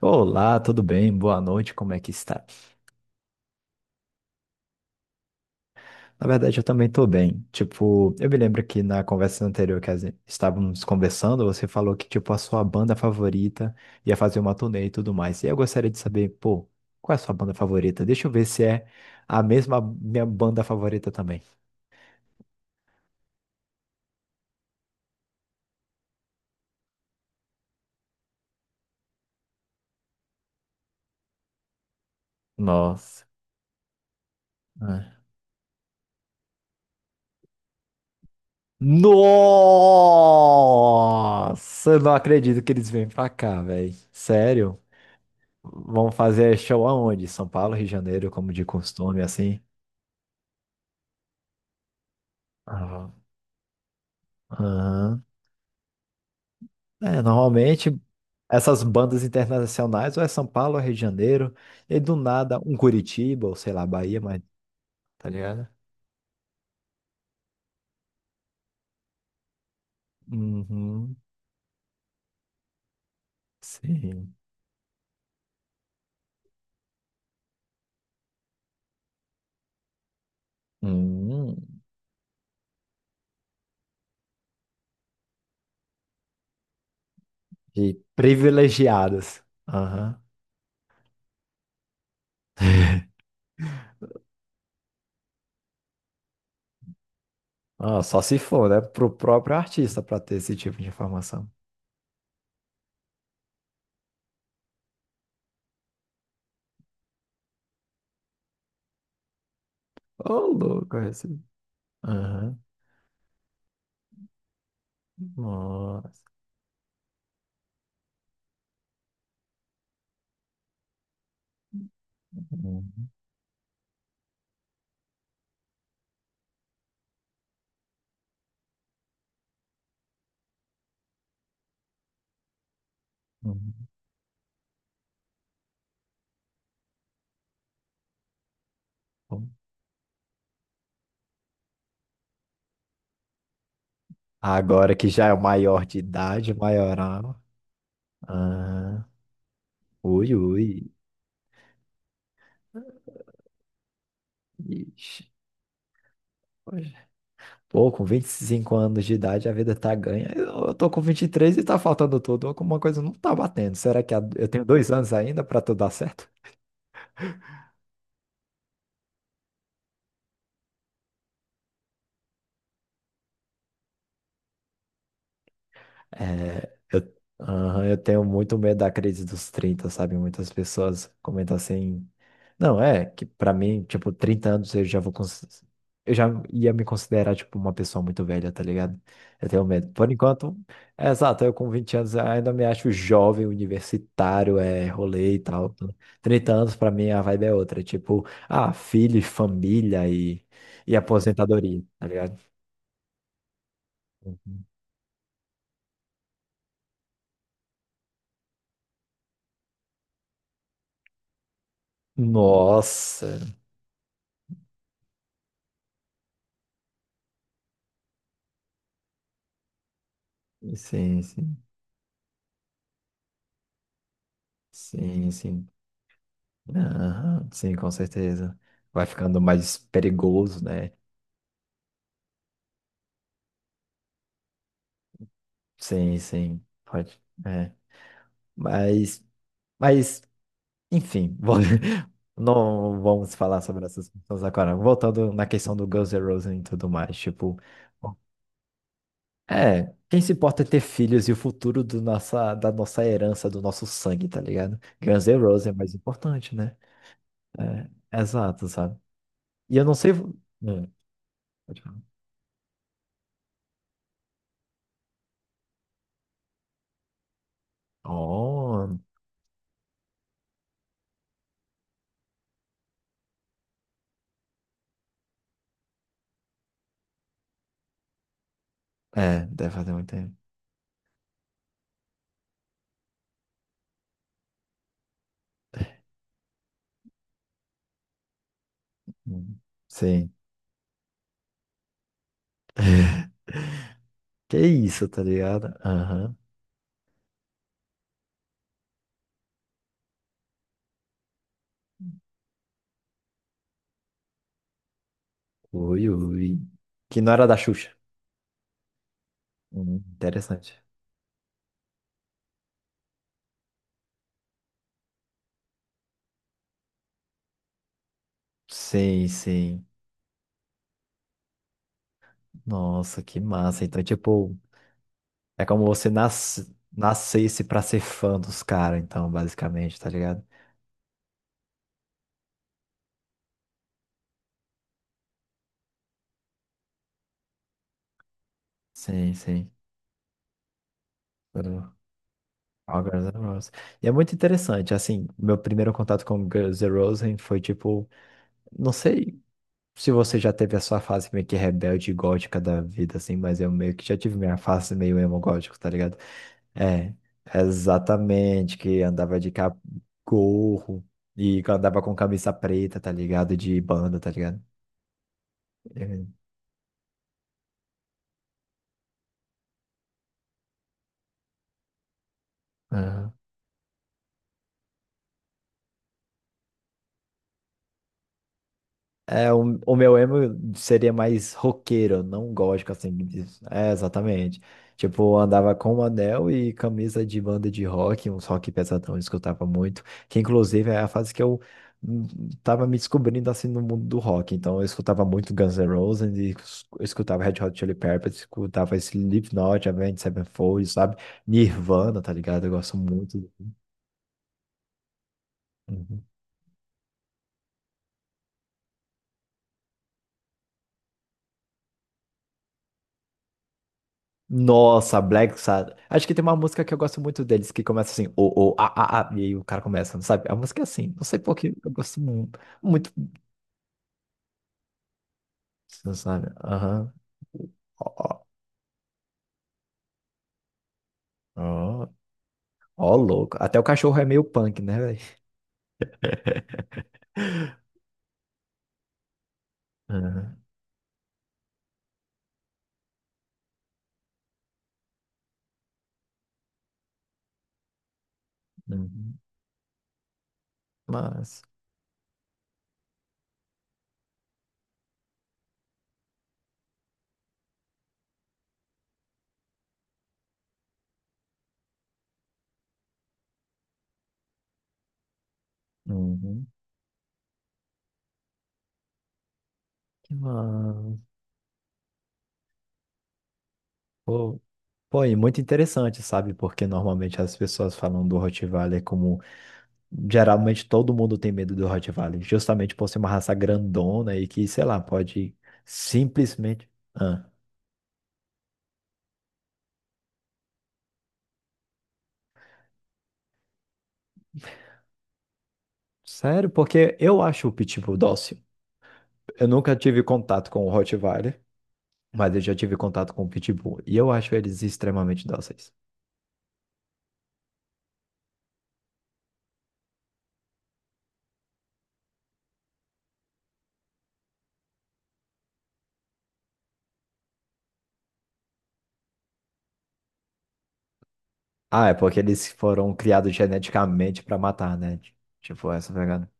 Olá, tudo bem? Boa noite, como é que está? Na verdade, eu também estou bem. Tipo, eu me lembro que na conversa anterior que estávamos conversando, você falou que, tipo, a sua banda favorita ia fazer uma turnê e tudo mais. E eu gostaria de saber, pô, qual é a sua banda favorita? Deixa eu ver se é a mesma minha banda favorita também. Nossa. Ah. Nossa, eu não acredito que eles vêm pra cá, velho. Sério? Vão fazer show aonde? São Paulo, Rio de Janeiro, como de costume, assim? Aham. Aham. É, normalmente essas bandas internacionais ou é São Paulo, ou é Rio de Janeiro, e do nada um Curitiba, ou sei lá, Bahia, mas tá ligado? Uhum. Sim. Hum. E privilegiadas. Aham. Ah, só se for, né? Pro próprio artista pra ter esse tipo de informação. Ô, louco esse. Aham. Nossa. Uhum. Uhum. Agora que já é o maior de idade, maioral. Ah, ui, ui. Ixi. Poxa. Pô, com 25 anos de idade a vida tá ganha. Eu tô com 23 e três e tá faltando tudo. Alguma coisa não tá batendo. Será que eu tenho dois anos ainda pra tudo dar certo? É, eu, aham, eu tenho muito medo da crise dos 30, sabe? Muitas pessoas comentam assim. Não, é que pra mim, tipo, 30 anos eu já vou. Eu já ia me considerar, tipo, uma pessoa muito velha, tá ligado? Eu tenho medo. Por enquanto, é exato, eu com 20 anos ainda me acho jovem, universitário, é rolê e tal. 30 anos pra mim a vibe é outra. Tipo, ah, filho, e família e aposentadoria, tá ligado? Uhum. Nossa, sim, sim. Sim, sim. Aham, sim, com certeza. Vai ficando mais perigoso, né? Sim, sim. Pode. É. Mas, mas, enfim, não vamos falar sobre essas pessoas agora. Voltando na questão do Guns N' Roses e tudo mais, tipo, é, quem se importa é ter filhos e o futuro da nossa herança, do nosso sangue, tá ligado? Guns N' Roses é mais importante, né? É, exato, sabe? E eu não sei. Hum, pode falar. Oh, é, deve fazer muito tempo. Hum. Sim. Que isso, tá ligado? Aham. Ui, ui. Que não era da Xuxa. Interessante. Sim, sim. Nossa, que massa. Então, tipo, é como você nas... nascesse pra ser fã dos caras, então, basicamente, tá ligado? Sim, sim. Tudo. All Girls and Roses. E é muito interessante, assim, meu primeiro contato com Girls N' Roses foi, tipo, não sei se você já teve a sua fase meio que rebelde e gótica da vida, assim, mas eu meio que já tive minha fase meio emo gótico, tá ligado? É, exatamente, que andava de gorro e andava com camisa preta, tá ligado? De banda, tá ligado? É, o meu emo seria mais roqueiro, não gótico, assim. Disso. É, exatamente. Tipo, andava com um anel e camisa de banda de rock, uns rock pesadão, eu escutava muito. Que, inclusive, é a fase que eu hum, tava me descobrindo, assim, no mundo do rock. Então, eu escutava muito Guns N' Roses, e eu escutava Red Hot Chili Peppers, escutava Slipknot, Avenged Sevenfold, sabe? Nirvana, tá ligado? Eu gosto muito. Uhum. Nossa, Black Sabbath. Acho que tem uma música que eu gosto muito deles, que começa assim, o, a, e aí o cara começa, não sabe? A música é assim, não sei por que eu gosto muito, não sabe? Aham. Ó, ó, ó, ó, louco. Até o cachorro é meio punk, né, velho? Aham, uhum. Mas, uhum. Que massa. Pô, pô, e muito interessante, sabe? Porque normalmente as pessoas falam do Rottweiler como geralmente todo mundo tem medo do Rottweiler, justamente por ser uma raça grandona e que, sei lá, pode simplesmente. Ah, sério, porque eu acho o Pitbull dócil. Eu nunca tive contato com o Rottweiler, mas eu já tive contato com o Pitbull e eu acho eles extremamente dóceis. Ah, é porque eles foram criados geneticamente pra matar, né? Tipo, essa pegada.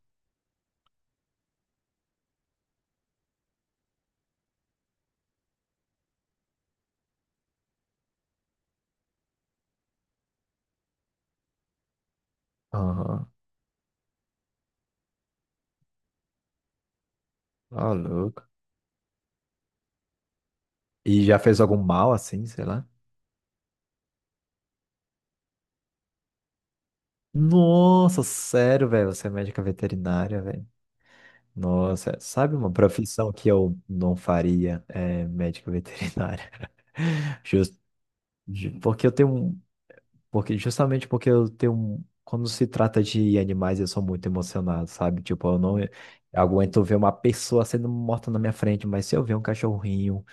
Aham, ah, louco. E já fez algum mal assim, sei lá? Nossa, sério, velho, você é médica veterinária, velho. Nossa, sabe uma profissão que eu não faria? É médico veterinário. Jus- porque eu tenho um, porque justamente porque eu tenho um, quando se trata de animais, eu sou muito emocionado, sabe? Tipo, eu não aguento ver uma pessoa sendo morta na minha frente, mas se eu ver um cachorrinho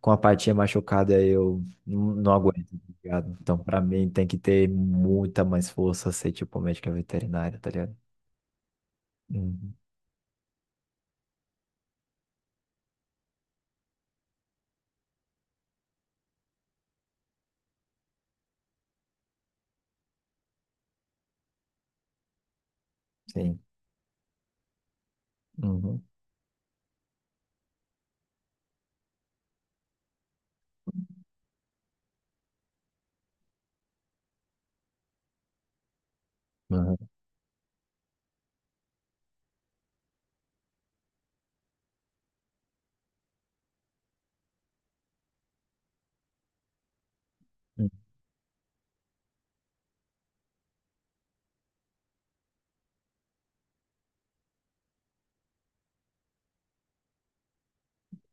com a patinha machucada, eu não aguento, tá ligado? Então, pra mim tem que ter muita mais força ser tipo médico veterinário, tá ligado? Uhum, sim. Uhum. Uhum.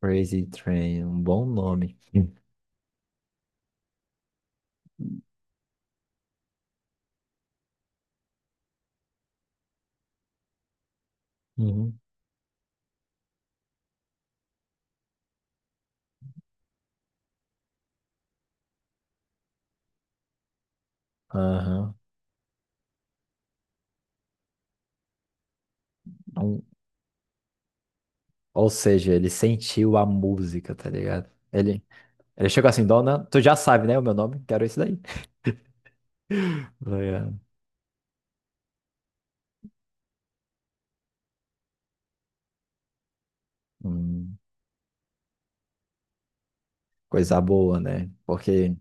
Crazy Train, um bom nome. Hum. Uhum. Aham. Um- ou seja, ele sentiu a música, tá ligado? Ele chegou assim, dona, tu já sabe, né, o meu nome? Quero isso daí. Legal. Hum, coisa boa, né? Porque o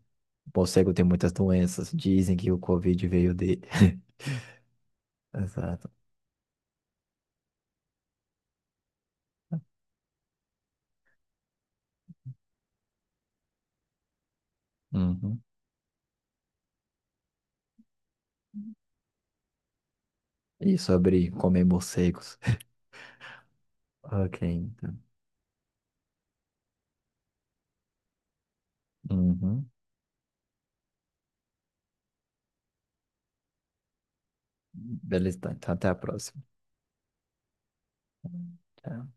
morcego tem muitas doenças. Dizem que o Covid veio dele. Exato. Uhum. E sobre comer morcegos. Ok, então. Uhum. Beleza, então então, até a próxima. Tchau.